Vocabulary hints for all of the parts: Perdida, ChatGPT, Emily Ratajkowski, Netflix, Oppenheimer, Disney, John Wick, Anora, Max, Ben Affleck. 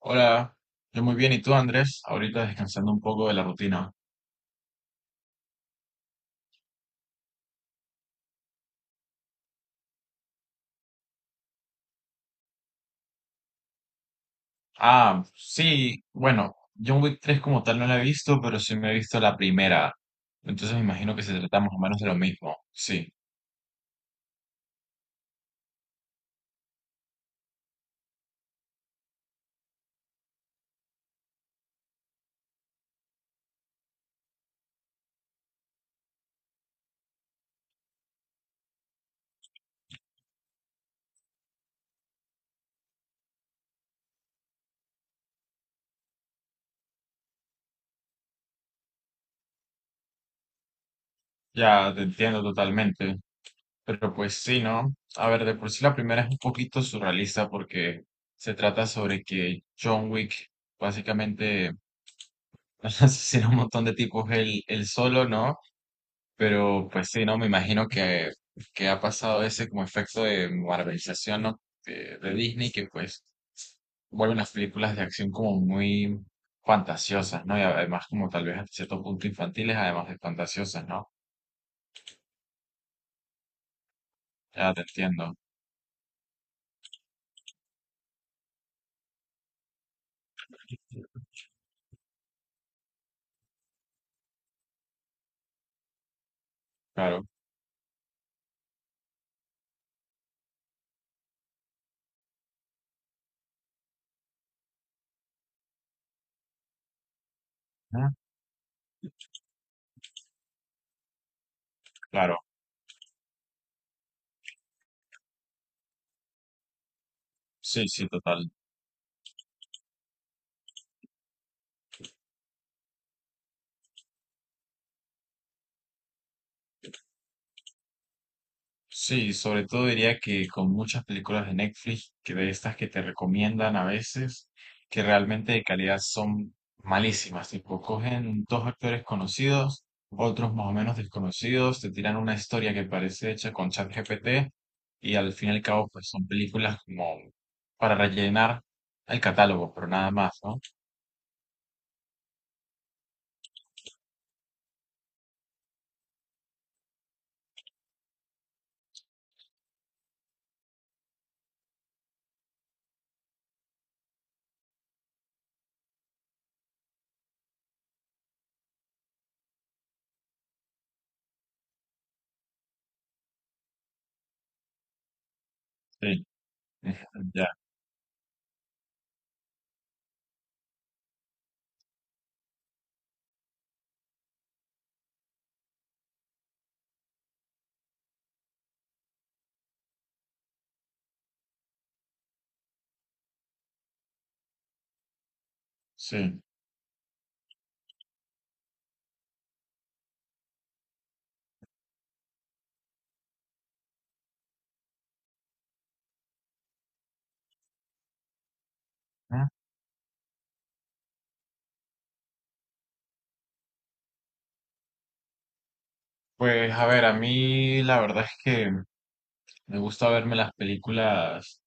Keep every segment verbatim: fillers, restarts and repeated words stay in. Hola, yo muy bien. ¿Y tú, Andrés? Ahorita descansando un poco de la rutina. Ah, sí, bueno, John Wick tres como tal no la he visto, pero sí me he visto la primera. Entonces me imagino que se trata más o menos de lo mismo. Sí, ya te entiendo totalmente. Pero pues sí, ¿no? A ver, de por sí la primera es un poquito surrealista porque se trata sobre que John Wick básicamente asesina a un montón de tipos él, él solo, ¿no? Pero pues sí, no, me imagino que, que ha pasado ese como efecto de marvelización, ¿no? de, de Disney, que pues vuelven las películas de acción como muy fantasiosas, ¿no? Y además como tal vez a cierto punto infantiles, además de fantasiosas, ¿no? Ya te entiendo, claro. Ujú. Claro. Sí, sí, total. Sí, sobre todo diría que con muchas películas de Netflix, que de estas que te recomiendan a veces, que realmente de calidad son malísimas, tipo cogen dos actores conocidos, otros más o menos desconocidos, te tiran una historia que parece hecha con ChatGPT y al fin y al cabo pues son películas como para rellenar el catálogo, pero nada más, ¿no? Sí, ya, sí. Ujú. Pues a ver, a mí la verdad es que me gusta verme las películas.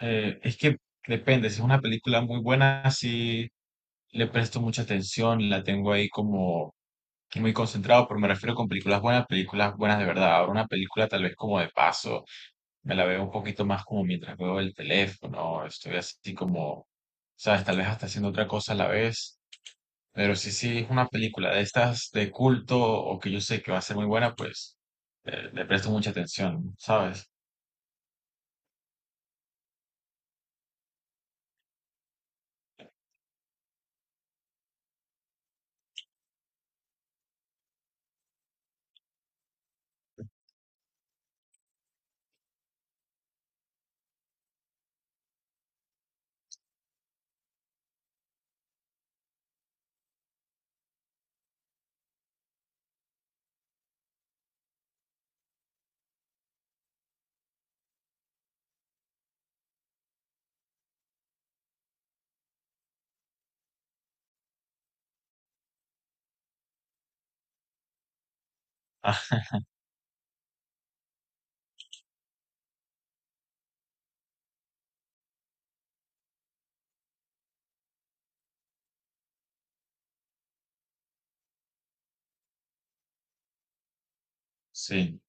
Eh, es que depende, si es una película muy buena, sí le presto mucha atención, la tengo ahí como que muy concentrado, pero me refiero con películas buenas, películas buenas de verdad. Ahora una película tal vez como de paso, me la veo un poquito más como mientras veo el teléfono, estoy así como, sabes, tal vez hasta haciendo otra cosa a la vez, pero sí, sí es una película de estas de culto o que yo sé que va a ser muy buena, pues eh, le presto mucha atención, ¿sabes? Ah, sí.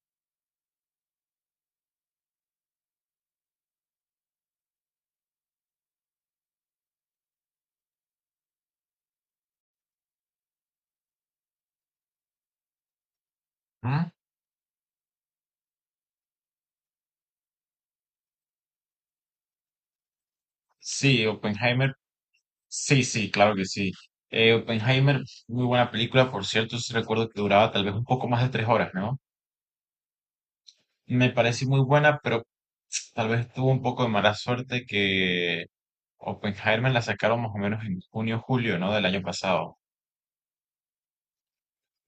¿Mm? Sí, Oppenheimer. Sí, sí, claro que sí. Eh, Oppenheimer, muy buena película, por cierto, sí recuerdo que duraba tal vez un poco más de tres horas, ¿no? Me parece muy buena, pero tal vez tuvo un poco de mala suerte que Oppenheimer la sacaron más o menos en junio, julio, ¿no? Del año pasado.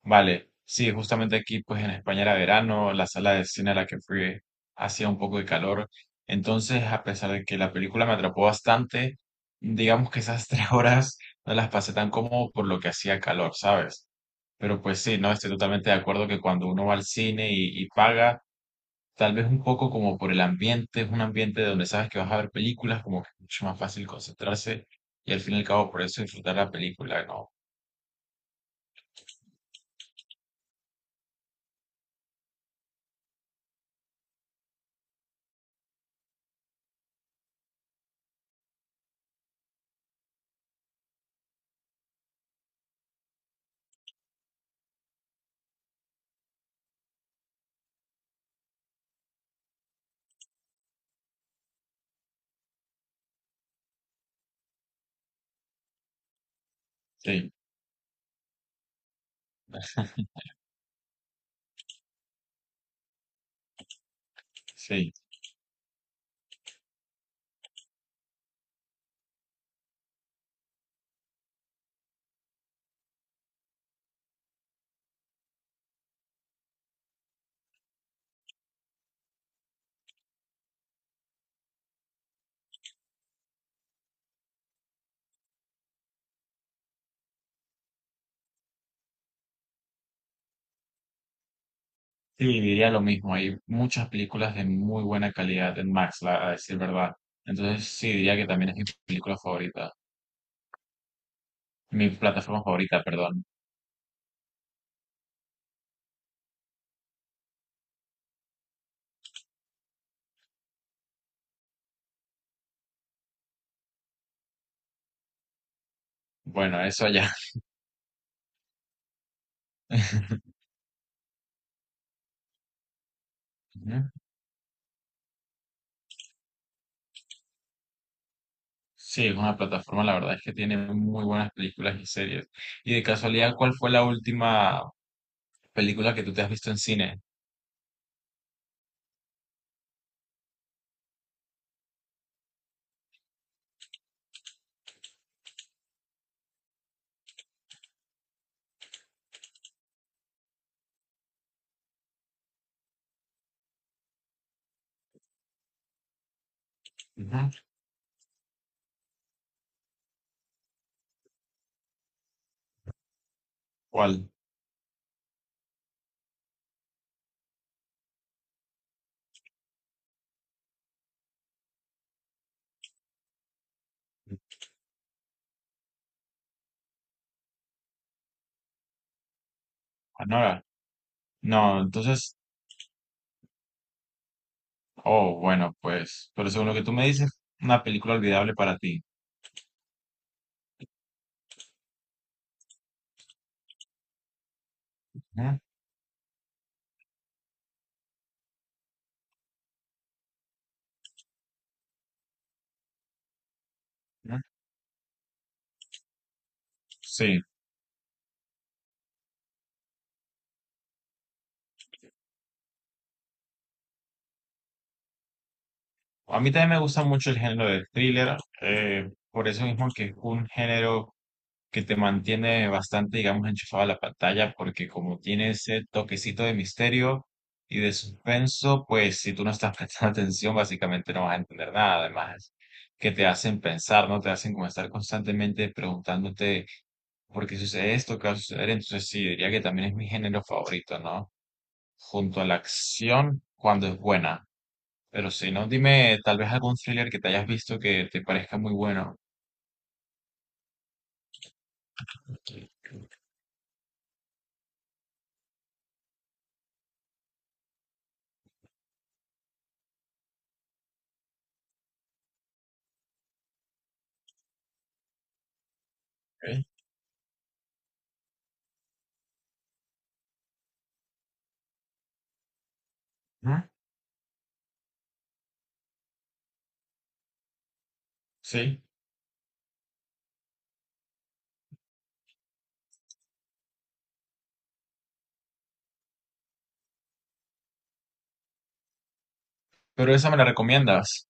Vale, sí, justamente aquí, pues en España era verano, la sala de cine a la que fui hacía un poco de calor. Entonces, a pesar de que la película me atrapó bastante, digamos que esas tres horas no las pasé tan cómodo por lo que hacía calor, ¿sabes? Pero pues sí, no, estoy totalmente de acuerdo que cuando uno va al cine y, y paga, tal vez un poco como por el ambiente, es un ambiente donde sabes que vas a ver películas, como que es mucho más fácil concentrarse y al fin y al cabo por eso disfrutar la película, ¿no? Sí, sí, sí, diría lo mismo. Hay muchas películas de muy buena calidad en Max, la, a decir verdad. Entonces sí, diría que también es mi película favorita, mi plataforma favorita, perdón. Bueno, eso ya. Sí, es una plataforma, la verdad es que tiene muy buenas películas y series. Y de casualidad, ¿cuál fue la última película que tú te has visto en cine? Ujú. ¿Cuál? ¿Anora? No, entonces, oh, bueno, pues, pero según lo que tú me dices, una película olvidable para ti. Ujú, ujú. Sí, a mí también me gusta mucho el género de thriller, eh, por eso mismo que es un género que te mantiene bastante, digamos, enchufado a la pantalla, porque como tiene ese toquecito de misterio y de suspenso, pues si tú no estás prestando atención, básicamente no vas a entender nada. Además, que te hacen pensar, ¿no? Te hacen como estar constantemente preguntándote por qué sucede esto, qué va a suceder. Entonces, sí, diría que también es mi género favorito, ¿no? Junto a la acción, cuando es buena. Pero si no, dime tal vez algún thriller que te hayas visto que te parezca muy bueno. Ok. Ujú. Sí, pero esa me la recomiendas.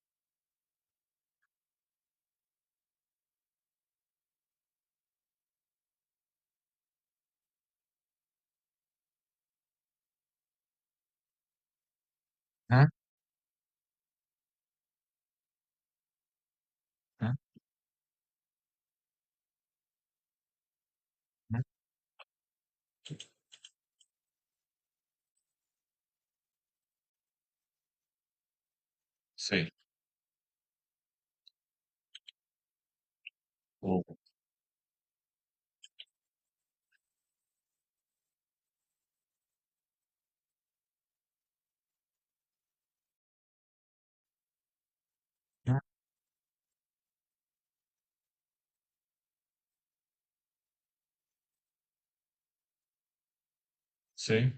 Ah, ah, ah, sí, uh, ah, sí,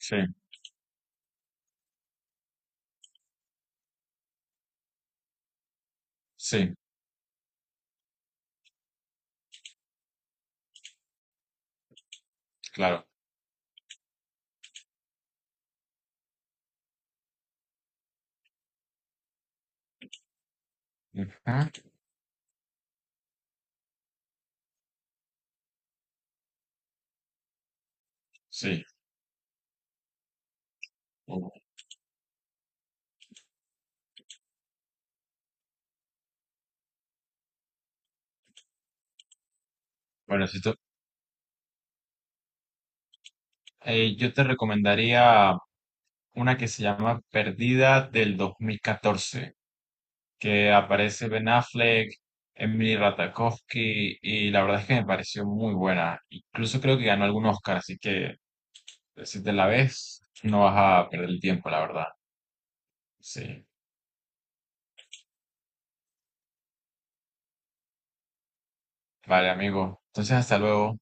sí, sí, claro, mm, ah. Sí. Uh. Bueno, si tú- eh, yo te recomendaría una que se llama Perdida del dos mil catorce, que aparece Ben Affleck, Emily Ratajkowski, y la verdad es que me pareció muy buena. Incluso creo que ganó algún Oscar, así que si te la ves, no vas a perder el tiempo, la verdad. Sí, vale, amigo. Entonces, hasta luego.